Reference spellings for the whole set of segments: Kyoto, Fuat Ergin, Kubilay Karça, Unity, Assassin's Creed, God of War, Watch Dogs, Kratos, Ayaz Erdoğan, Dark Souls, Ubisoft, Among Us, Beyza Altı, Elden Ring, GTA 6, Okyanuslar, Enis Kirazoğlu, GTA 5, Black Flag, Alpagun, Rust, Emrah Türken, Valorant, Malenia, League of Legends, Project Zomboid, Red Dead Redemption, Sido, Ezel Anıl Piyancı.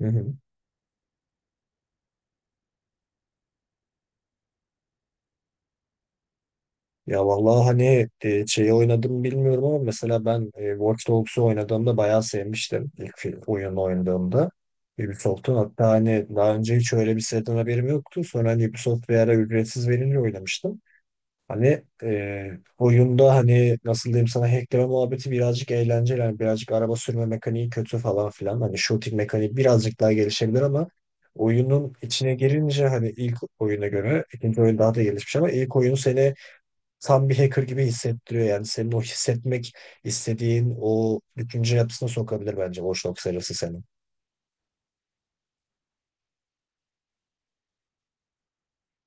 Hı hı. Ya vallahi hani şeyi oynadım bilmiyorum ama mesela ben Watch Dogs'u oynadığımda bayağı sevmiştim oyunu oynadığımda. Ubisoft'un hatta hani daha önce hiç öyle bir siteden haberim yoktu. Sonra hani Ubisoft bir ara ücretsiz verince oynamıştım. Hani oyunda hani nasıl diyeyim sana, hackleme muhabbeti birazcık eğlenceli. Hani birazcık araba sürme mekaniği kötü falan filan. Hani shooting mekaniği birazcık daha gelişebilir ama oyunun içine girince hani ilk oyuna göre ikinci oyun daha da gelişmiş, ama ilk oyun seni tam bir hacker gibi hissettiriyor. Yani senin o hissetmek istediğin o düşünce yapısına sokabilir bence boşluk serisi seni.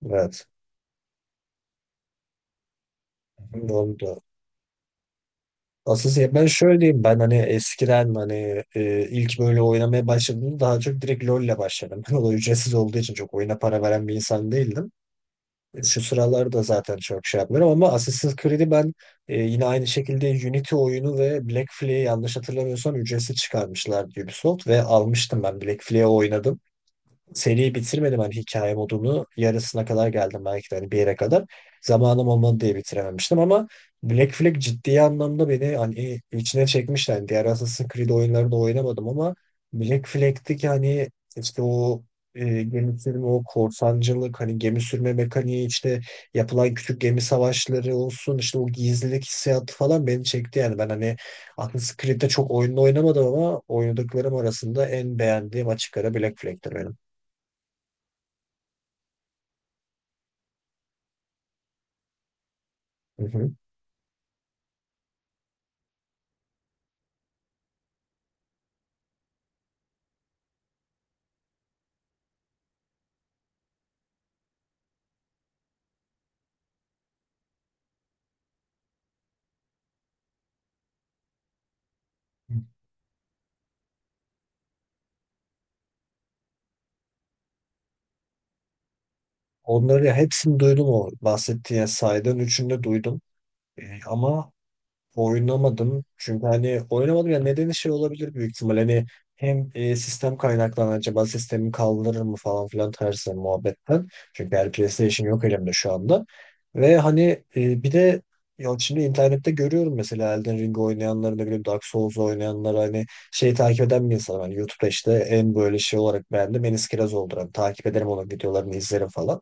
Evet. Oldu. Asıl ya ben şöyle diyeyim, ben hani eskiden hani ilk böyle oynamaya başladığımda daha çok direkt LoL ile başladım. Ben o ücretsiz olduğu için çok oyuna para veren bir insan değildim. Şu sıralarda zaten çok şey yapmıyorum ama Assassin's Creed'i ben, yine aynı şekilde Unity oyunu ve Black Flag'i yanlış hatırlamıyorsam ücretsiz çıkarmışlar Ubisoft, ve almıştım ben Black Flag'i oynadım. Seriyi bitirmedim hani, hikaye modunu. Yarısına kadar geldim belki de hani, bir yere kadar. Zamanım olmadı diye bitirememiştim ama Black Flag ciddi anlamda beni hani içine çekmişti. Yani diğer Assassin's Creed oyunlarını oynamadım ama Black Flag'teki hani işte o gemi sürme, o korsancılık, hani gemi sürme mekaniği, işte yapılan küçük gemi savaşları olsun, işte o gizlilik hissiyatı falan beni çekti. Yani ben hani Assassin's Creed'de çok oyunla oynamadım ama oynadıklarım arasında en beğendiğim açık ara Black Flag'tir benim. Hı hı. Onları ya hepsini duydum, o bahsettiğin yani saydığın üçünü de duydum. E, ama oynamadım. Çünkü hani oynamadım ya, nedeni şey olabilir büyük ihtimal. Hani hem sistem kaynaklan, acaba sistemi kaldırır mı falan filan tarzı muhabbetten. Çünkü her PlayStation yok elimde şu anda. Ve hani bir de ya şimdi internette görüyorum mesela Elden Ring oynayanları, ne bileyim Dark Souls oynayanlar, hani şey takip eden bir insanım. Hani YouTube'da işte en böyle şey olarak beğendim Enis Kirazoğlu'dur. Hani takip ederim, onun videolarını izlerim falan.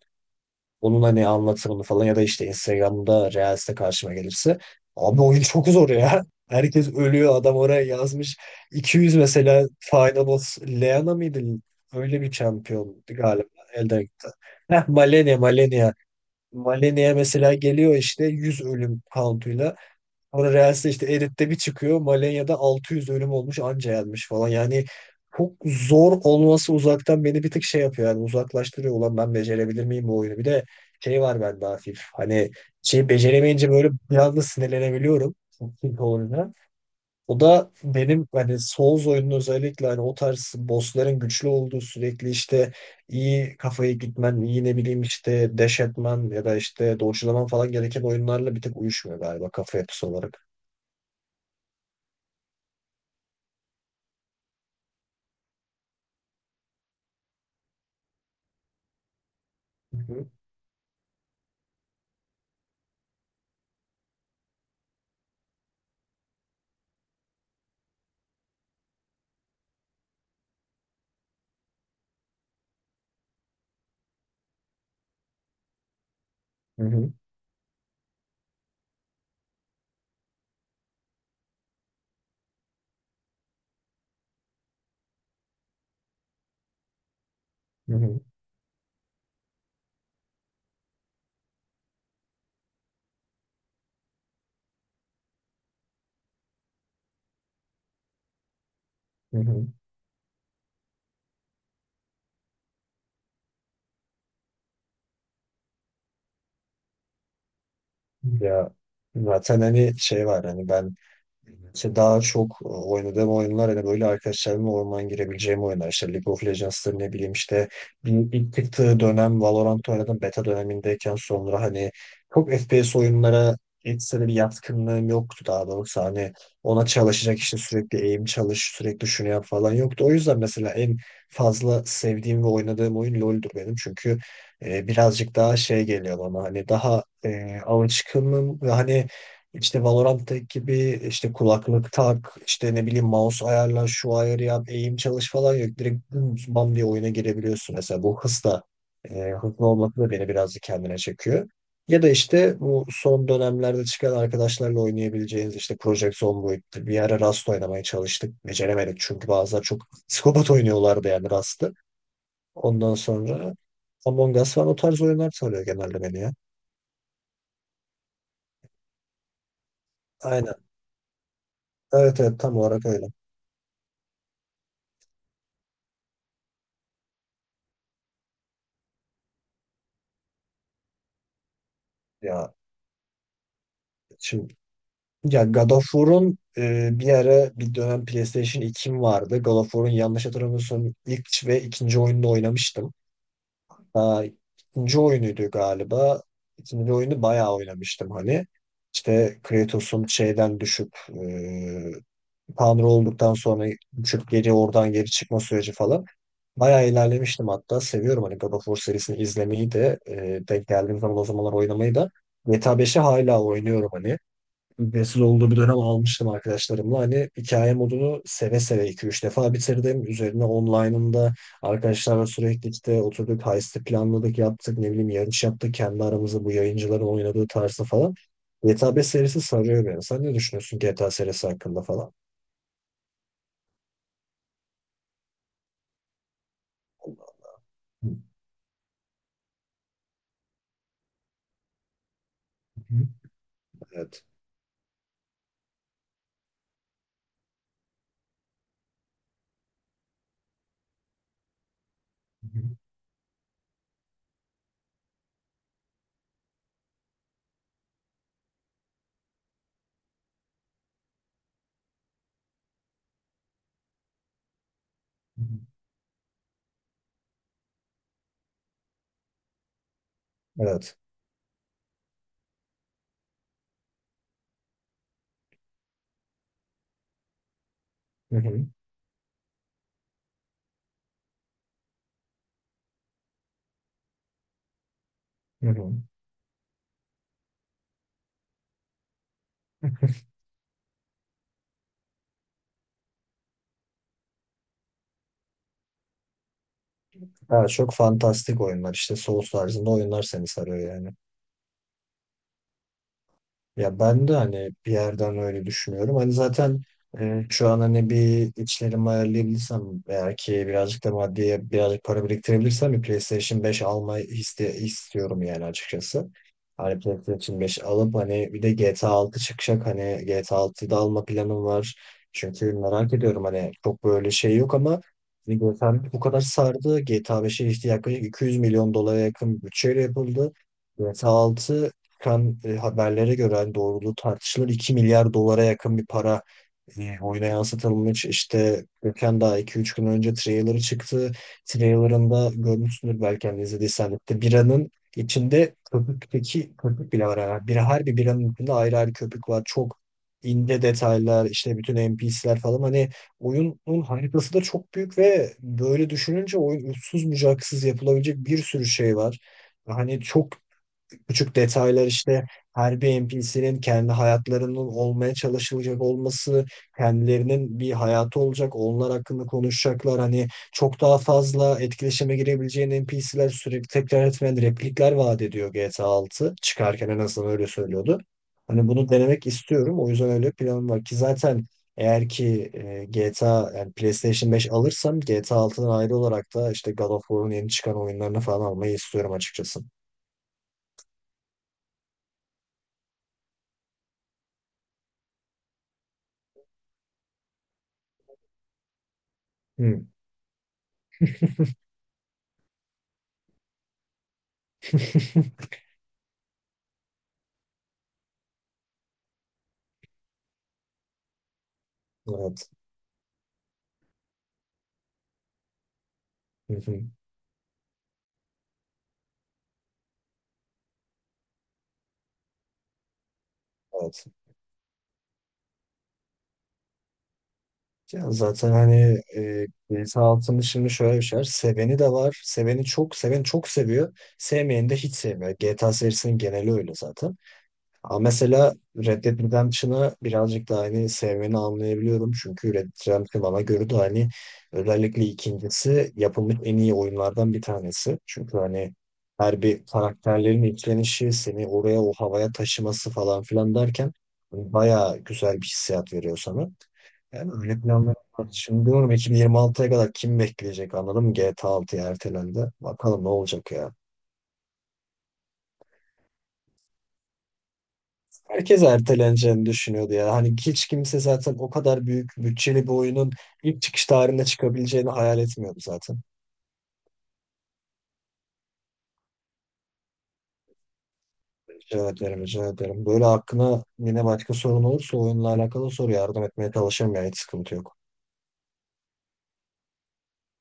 Onun hani anlatımını falan, ya da işte Instagram'da Reels'te karşıma gelirse. Abi oyun çok zor ya. Herkes ölüyor. Adam oraya yazmış. 200 mesela, Final Boss Leana mıydı? Öyle bir şampiyon galiba. Elden gitti. Heh, Malenia, Malenia. Malenia mesela geliyor işte 100 ölüm count'uyla. Sonra Reels'te işte edit'te bir çıkıyor. Malenya'da 600 ölüm olmuş, anca yenmiş falan. Yani çok zor olması uzaktan beni bir tık şey yapıyor. Yani uzaklaştırıyor. Ulan ben becerebilir miyim bu oyunu? Bir de şey var bende hafif. Hani şey, beceremeyince böyle biraz da sinirlenebiliyorum. Çünkü oyuna. O da benim hani Souls oyunun, özellikle hani o tarz bossların güçlü olduğu, sürekli işte iyi kafayı gitmen, iyi ne bileyim işte dash etmen ya da işte dodge'laman falan gereken oyunlarla bir tek uyuşmuyor galiba kafa yapısı olarak. Hı hı, hı hı, hı hı. Hı hı. Ya zaten hani şey var hani ben, İşte daha çok oynadığım oyunlar hani böyle arkadaşlarımla orman girebileceğim oyunlar. İşte League of Legends'tır, ne bileyim işte, bir ilk çıktığı dönem Valorant oynadım beta dönemindeyken, sonra hani çok FPS oyunlara ekstra bir yatkınlığım yoktu. Daha doğrusu hani ona çalışacak, işte sürekli aim çalış, sürekli şunu yap falan yoktu. O yüzden mesela en fazla sevdiğim ve oynadığım oyun LoL'dur benim, çünkü birazcık daha şey geliyor bana, hani daha alışkınım. Ve hani işte Valorant gibi işte kulaklık tak, işte ne bileyim mouse ayarla, şu ayarı yap, eğim çalış falan yok. Direkt dümdüz bam diye oyuna girebiliyorsun. Mesela bu hız da, hızlı olması da beni birazcık kendine çekiyor. Ya da işte bu son dönemlerde çıkan arkadaşlarla oynayabileceğiniz işte Project Zomboid'dir. Bir ara Rust oynamaya çalıştık. Beceremedik, çünkü bazılar çok psikopat oynuyorlardı yani Rust'ı. Ondan sonra Among Us falan o tarz oyunlar sarıyor genelde beni ya. Aynen. Evet evet, tam olarak öyle. Ya şimdi Ya God of War'un, bir ara bir dönem PlayStation 2'm vardı. God of War'un yanlış hatırlamıyorsam ilk ve ikinci oyununu oynamıştım. Daha ikinci oyunuydu galiba. İkinci oyunu bayağı oynamıştım hani. İşte Kratos'un şeyden düşüp e, Tanrı olduktan sonra düşüp geri oradan geri çıkma süreci falan. Bayağı ilerlemiştim hatta. Seviyorum hani God of War serisini izlemeyi de, denk geldiğim zaman o zamanlar oynamayı da. GTA 5'i hala oynuyorum hani. Ücretsiz olduğu bir dönem almıştım arkadaşlarımla. Hani hikaye modunu seve seve iki üç defa bitirdim. Üzerine online'ında arkadaşlarla sürekli işte oturduk, heist'i planladık, yaptık, ne bileyim yarış yaptık. Kendi aramızda bu yayıncıların oynadığı tarzda falan. GTA 5 serisi sarıyor beni. Sen ne düşünüyorsun GTA serisi hakkında falan? Hı hı. Evet. Hı hı. Evet. Hı hı. Hı hı. Evet, çok fantastik oyunlar, işte Souls tarzında oyunlar seni sarıyor yani. Ya ben de hani bir yerden öyle düşünüyorum. Hani zaten şu an hani bir içlerimi ayarlayabilirsem, eğer ki birazcık da maddiye, birazcık para biriktirebilirsem, bir PlayStation 5 almayı istiyorum yani açıkçası. Hani PlayStation 5 alıp hani bir de GTA 6 çıkacak, hani GTA 6'yı da alma planım var. Çünkü merak ediyorum, hani çok böyle şey yok ama hani GTA bu kadar sardı. GTA 5'e işte yaklaşık 200 milyon dolara yakın bütçeyle yapıldı. GTA 6, çıkan haberlere göre hani, doğruluğu tartışılır, 2 milyar dolara yakın bir para oyuna yansıtılmış. İşte geçen daha iki üç gün önce trailer'ı çıktı. Trailer'ında görmüşsündür belki hani, izlediysen de, İşte biranın içinde köpükteki köpük bile var. Yani bir, her bir biranın içinde ayrı ayrı köpük var. Çok ince detaylar, işte bütün NPC'ler falan, hani oyunun haritası da çok büyük. Ve böyle düşününce oyun uçsuz bucaksız, yapılabilecek bir sürü şey var. Hani çok küçük detaylar, işte her bir NPC'nin kendi hayatlarının olmaya çalışılacak olması, kendilerinin bir hayatı olacak, onlar hakkında konuşacaklar. Hani çok daha fazla etkileşime girebileceğin NPC'ler, sürekli tekrar etmeyen replikler vaat ediyor GTA 6. Çıkarken en azından öyle söylüyordu. Hani bunu denemek istiyorum. O yüzden öyle planım var ki, zaten eğer ki GTA yani PlayStation 5 alırsam, GTA 6'dan ayrı olarak da işte God of War'un yeni çıkan oyunlarını falan almayı istiyorum açıkçası. Hmm. Evet. Hı hı. Evet. Ya zaten hani B 6'nın şimdi şöyle bir şey var. Seveni de var. Seveni çok, seven çok seviyor. Sevmeyeni de hiç sevmiyor. GTA serisinin geneli öyle zaten. Ama mesela Red Dead Redemption'ı birazcık daha hani sevmeni anlayabiliyorum. Çünkü Red Dead Redemption bana göre de hani özellikle ikincisi yapılmış en iyi oyunlardan bir tanesi. Çünkü hani her bir karakterlerin işlenişi, seni oraya o havaya taşıması falan filan derken hani bayağı güzel bir hissiyat veriyor sana. Yani öyle planlar var. Şimdi diyorum 2026'ya kadar kim bekleyecek, anladın mı? GTA 6'ya ertelendi. Bakalım ne olacak ya. Herkes erteleneceğini düşünüyordu ya. Hani hiç kimse zaten o kadar büyük bütçeli bir oyunun ilk çıkış tarihinde çıkabileceğini hayal etmiyordu zaten. Rica ederim, rica ederim. Böyle aklına yine başka sorun olursa, oyunla alakalı soru, yardım etmeye çalışırım ya. Hiç sıkıntı yok.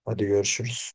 Hadi görüşürüz.